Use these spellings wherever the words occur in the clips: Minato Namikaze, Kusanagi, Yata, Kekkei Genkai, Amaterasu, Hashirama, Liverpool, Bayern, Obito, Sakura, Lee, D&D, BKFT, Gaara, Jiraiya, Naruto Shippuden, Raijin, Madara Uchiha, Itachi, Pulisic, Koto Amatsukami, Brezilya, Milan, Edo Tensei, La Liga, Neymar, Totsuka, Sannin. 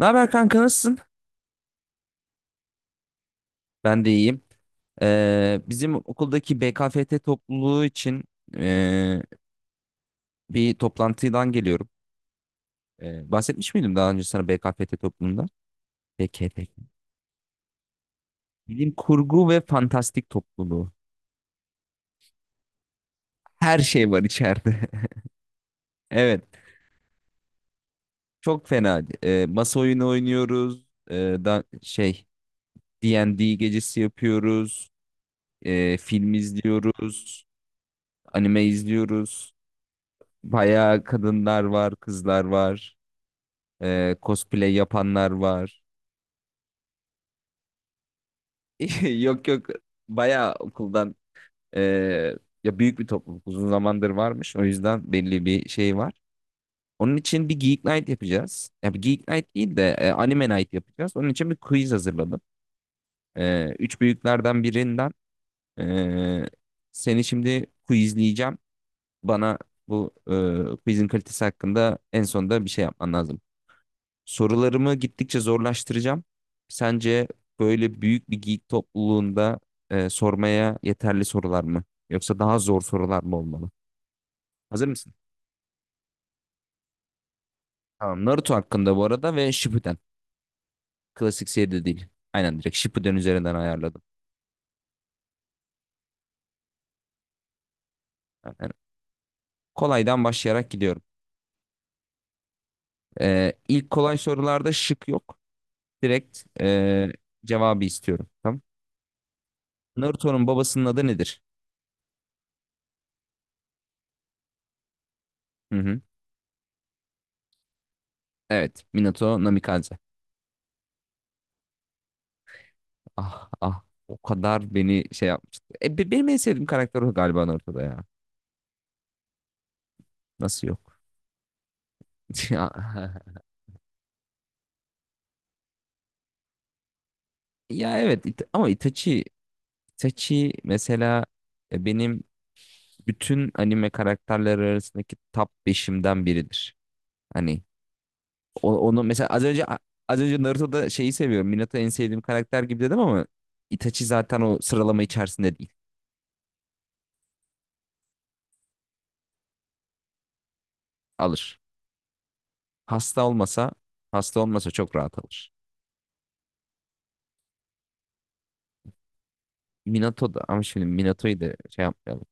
Ne haber kanka nasılsın? Ben de iyiyim. Bizim okuldaki BKFT topluluğu için ee, bir toplantıdan geliyorum. Bahsetmiş miydim daha önce sana BKFT topluluğunda? BKFT. Bilim kurgu ve fantastik topluluğu. Her şey var içeride. Evet, çok fena. Masa oyunu oynuyoruz. Ee, da şey D&D gecesi yapıyoruz. Film izliyoruz. Anime izliyoruz. Bayağı kadınlar var, kızlar var. Cosplay yapanlar var. Yok yok bayağı okuldan ee, ya büyük bir topluluk uzun zamandır varmış. O yüzden belli bir şey var. Onun için bir Geek Night yapacağız. Ya bir Geek Night değil de Anime Night yapacağız. Onun için bir quiz hazırladım. Üç büyüklerden birinden ee, seni şimdi quizleyeceğim. Bana bu quizin kalitesi hakkında en sonunda bir şey yapman lazım. Sorularımı gittikçe zorlaştıracağım. Sence böyle büyük bir geek topluluğunda sormaya yeterli sorular mı? Yoksa daha zor sorular mı olmalı? Hazır mısın? Tamam. Naruto hakkında bu arada ve Shippuden. Klasik seride değil. Aynen direkt Shippuden üzerinden ayarladım. Aynen. Kolaydan başlayarak gidiyorum. E, ilk kolay sorularda şık yok. Direkt cevabı istiyorum. Tamam. Naruto'nun babasının adı nedir? Hı hı. Evet. Minato Namikaze. Ah ah o kadar beni şey yapmıştı. Benim en sevdiğim karakter o galiba ortada ya. Nasıl yok? Ya, ya evet ama Itachi Itachi mesela benim bütün anime karakterleri arasındaki top 5'imden biridir. Hani onu mesela az önce Naruto'da şeyi seviyorum. Minato en sevdiğim karakter gibi dedim ama Itachi zaten o sıralama içerisinde değil. Alır. Hasta olmasa hasta olmasa çok rahat alır. Minato da ama şimdi Minato'yu da şey yapmayalım.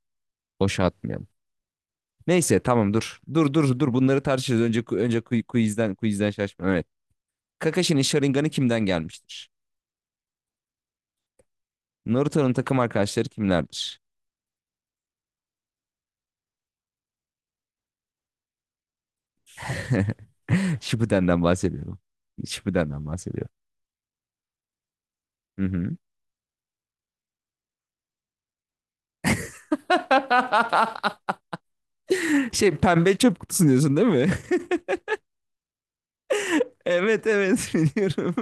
Boşa atmayalım. Neyse tamam dur. Dur dur dur bunları tartışırız. Önce quizden şaşma. Evet. Kakashi'nin Sharingan'ı kimden gelmiştir? Naruto'nun takım arkadaşları kimlerdir? Shippuden'den bahsediyorum. Shippuden'den bahsediyorum. Hı hı. Şey pembe çöp kutusu diyorsun değil mi? Evet evet biliyorum.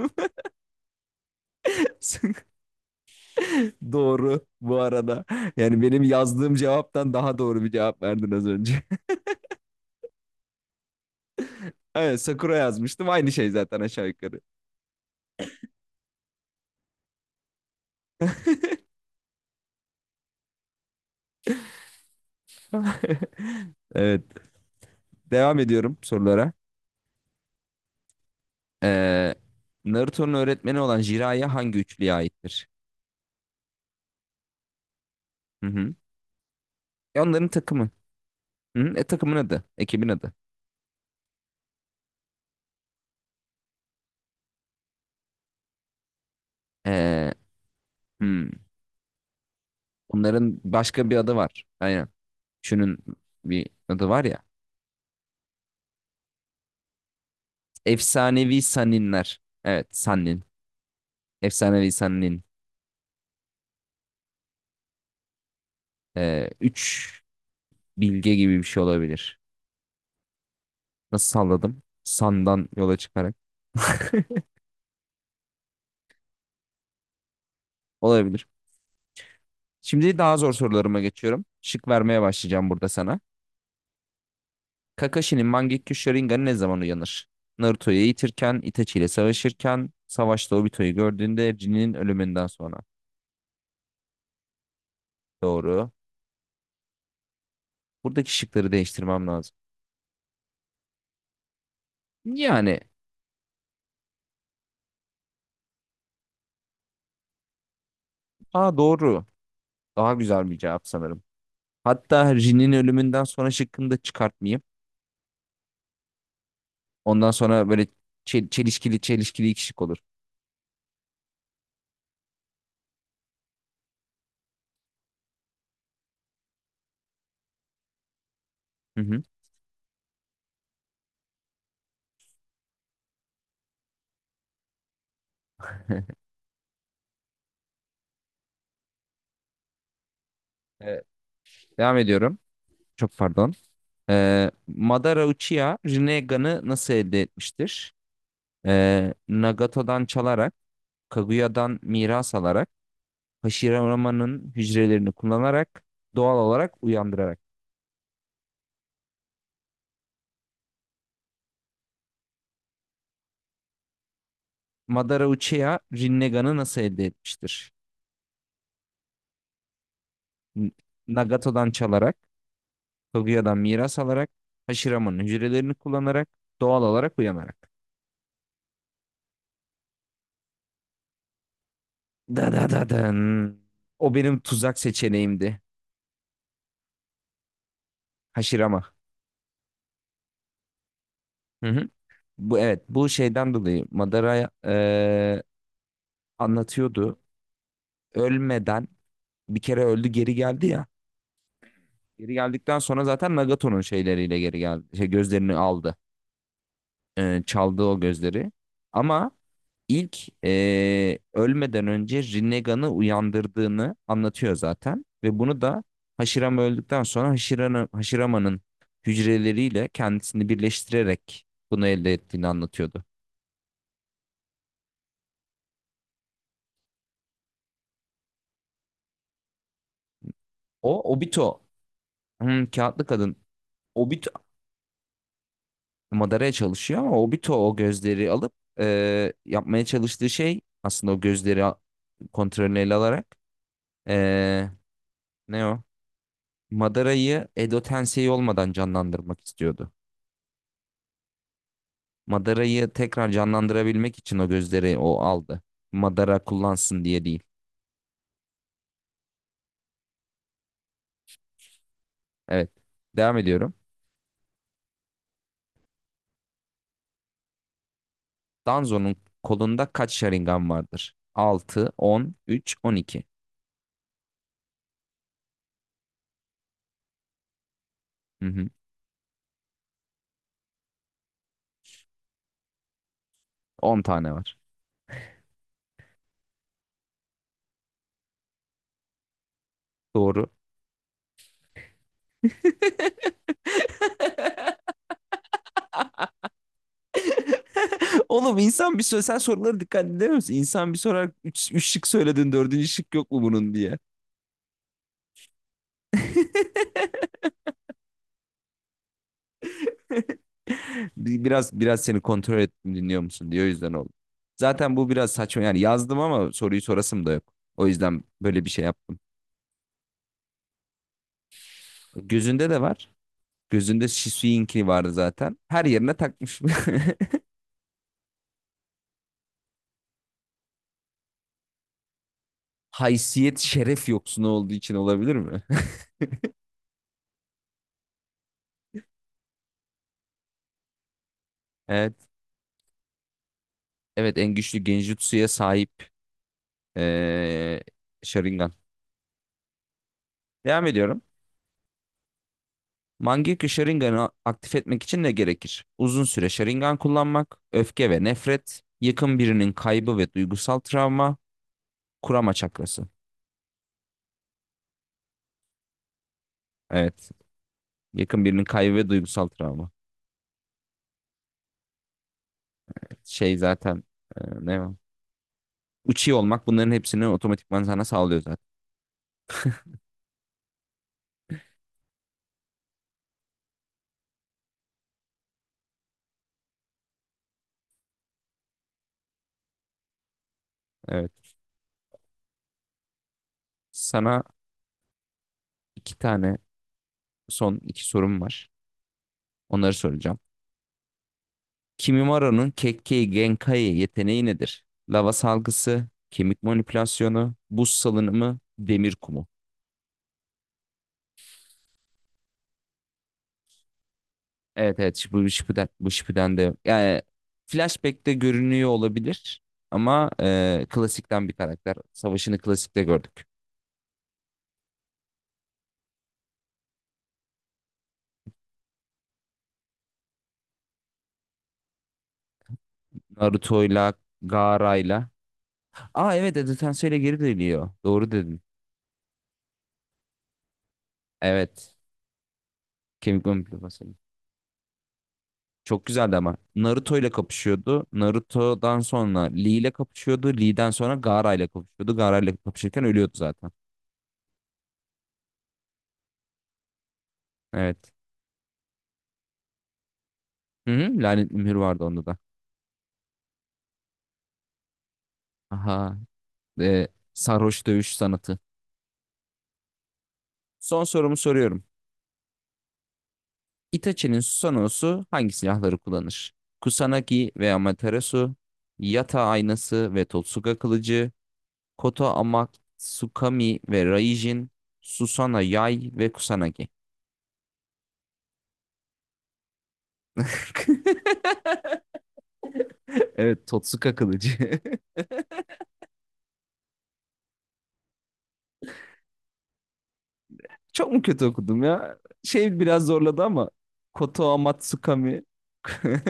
Doğru bu arada. Yani benim yazdığım cevaptan daha doğru bir cevap verdin az önce. Evet Sakura yazmıştım. Aynı şey zaten aşağı yukarı. Evet. Devam ediyorum sorulara. Ee, Naruto'nun öğretmeni olan Jiraiya hangi üçlüye aittir? Hı hı. Onların takımı. Hı hı. Takımın adı. Ekibin adı. Ee, hmm. Onların başka bir adı var. Aynen. Şunun bir adı var ya. Efsanevi Sanninler. Evet. Sannin. Efsanevi Sannin. Üç bilge gibi bir şey olabilir. Nasıl salladım? Sandan yola çıkarak. Olabilir. Şimdi daha zor sorularıma geçiyorum. Şık vermeye başlayacağım burada sana. Kakashi'nin Mangekyou Sharingan'ı ne zaman uyanır? Naruto'yu eğitirken, Itachi ile savaşırken, savaşta Obito'yu gördüğünde Jin'in ölümünden sonra. Doğru. Buradaki şıkları değiştirmem lazım. Yani, aa doğru. Daha güzel bir cevap sanırım. Hatta Jin'in ölümünden sonra şıkkını da çıkartmayayım. Ondan sonra böyle çelişkili çelişkili iki şık olur. Hı hı. Evet, devam ediyorum. Çok pardon. Madara Uchiha Rinnegan'ı nasıl elde etmiştir? Nagato'dan çalarak, Kaguya'dan miras alarak, Hashirama'nın hücrelerini kullanarak, doğal olarak uyandırarak. Madara Uchiha Rinnegan'ı nasıl elde etmiştir? N- Nagato'dan çalarak, Kaguya'dan miras alarak, Hashirama'nın hücrelerini kullanarak, doğal olarak uyanarak. Da da da dın. O benim tuzak seçeneğimdi. Hashirama. Hı hı. Bu evet bu şeyden dolayı Madara anlatıyordu. Ölmeden bir kere öldü geri geldi ya. Geri geldikten sonra zaten Nagato'nun şeyleriyle geri geldi. Şey, gözlerini aldı. Çaldı o gözleri. Ama ilk ölmeden önce Rinnegan'ı uyandırdığını anlatıyor zaten. Ve bunu da Hashirama öldükten sonra Hashirama'nın hücreleriyle kendisini birleştirerek bunu elde ettiğini anlatıyordu. O Obito, kağıtlı kadın. Obito madaraya çalışıyor ama Obito o gözleri alıp yapmaya çalıştığı şey aslında o gözleri kontrolünü ele alarak e, ne o? Madara'yı Edo Tensei olmadan canlandırmak istiyordu. Madara'yı tekrar canlandırabilmek için o gözleri o aldı. Madara kullansın diye değil. Evet. Devam ediyorum. Danzo'nun kolunda kaç Sharingan vardır? 6, 10, 3, 12. Hı hı. 10 tane var. Doğru. Oğlum insan bir söyle sen soruları dikkat edemiyor musun? İnsan bir sorar üç şık söyledin dördüncü şık yok mu bunun diye. Biraz seni kontrol ettim dinliyor musun diye o yüzden oldu. Zaten bu biraz saçma yani yazdım ama soruyu sorasım da yok. O yüzden böyle bir şey yaptım. Gözünde de var. Gözünde Şisuinkli vardı zaten. Her yerine takmış. Haysiyet şeref yoksunu olduğu için olabilir mi? Evet. Evet en güçlü Genjutsu'ya sahip ee, Sharingan. Devam ediyorum. Mangekyo Sharingan'ı aktif etmek için ne gerekir? Uzun süre Sharingan kullanmak, öfke ve nefret, yakın birinin kaybı ve duygusal travma, kurama çakrası. Evet, yakın birinin kaybı ve duygusal travma. Şey zaten ne var? Uchi olmak bunların hepsini otomatikman sana sağlıyor zaten. Evet, sana iki tane son iki sorum var. Onları soracağım. Kimimaro'nun Kekkei Genkai yeteneği nedir? Lava salgısı, kemik manipülasyonu, buz salınımı, demir kumu. Evet evet bu Shippuden, bu Shippuden de yani Flashback'te görünüyor olabilir ama klasikten bir karakter. Savaşını klasikte gördük. Naruto'yla, Gaara'yla. Aa evet Edo Tenseil'e geri dönüyor. Doğru dedin. Evet. Kemik Gömülü Fasali. Çok güzeldi ama. Naruto ile kapışıyordu. Naruto'dan sonra Lee ile kapışıyordu. Lee'den sonra Gaara ile kapışıyordu. Gaara ile kapışırken ölüyordu zaten. Evet. Hı hı, Lanet Mühür vardı onda da. Aha. E, sarhoş dövüş sanatı. Son sorumu soruyorum. Itachi'nin Susanoo'su hangi silahları kullanır? Kusanagi ve Amaterasu, Yata aynası ve Totsuka kılıcı, Koto Amatsukami ve Raijin, Susana Yay ve Kusanagi. Evet, Totsuka kılıcı. Çok mu kötü okudum ya? Şey biraz zorladı ama Koto Amatsukami.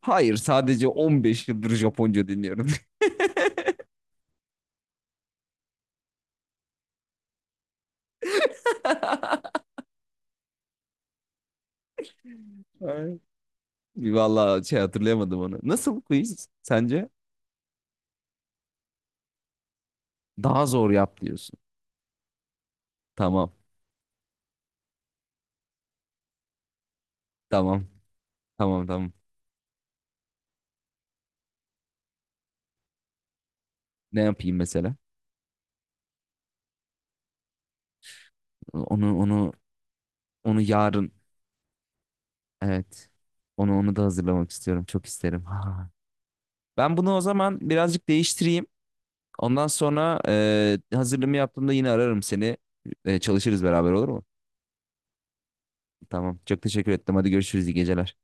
Hayır, sadece 15 yıldır Japonca dinliyorum. Vallahi şey hatırlayamadım onu. Nasıl quiz sence? Daha zor yap diyorsun. Tamam. Tamam. Tamam tamam. Ne yapayım mesela? Onu onu onu yarın evet. Onu da hazırlamak istiyorum. Çok isterim. Ha. Ben bunu o zaman birazcık değiştireyim. Ondan sonra hazırlığımı yaptığımda yine ararım seni. Çalışırız beraber olur mu? Tamam. Çok teşekkür ettim. Hadi görüşürüz. İyi geceler.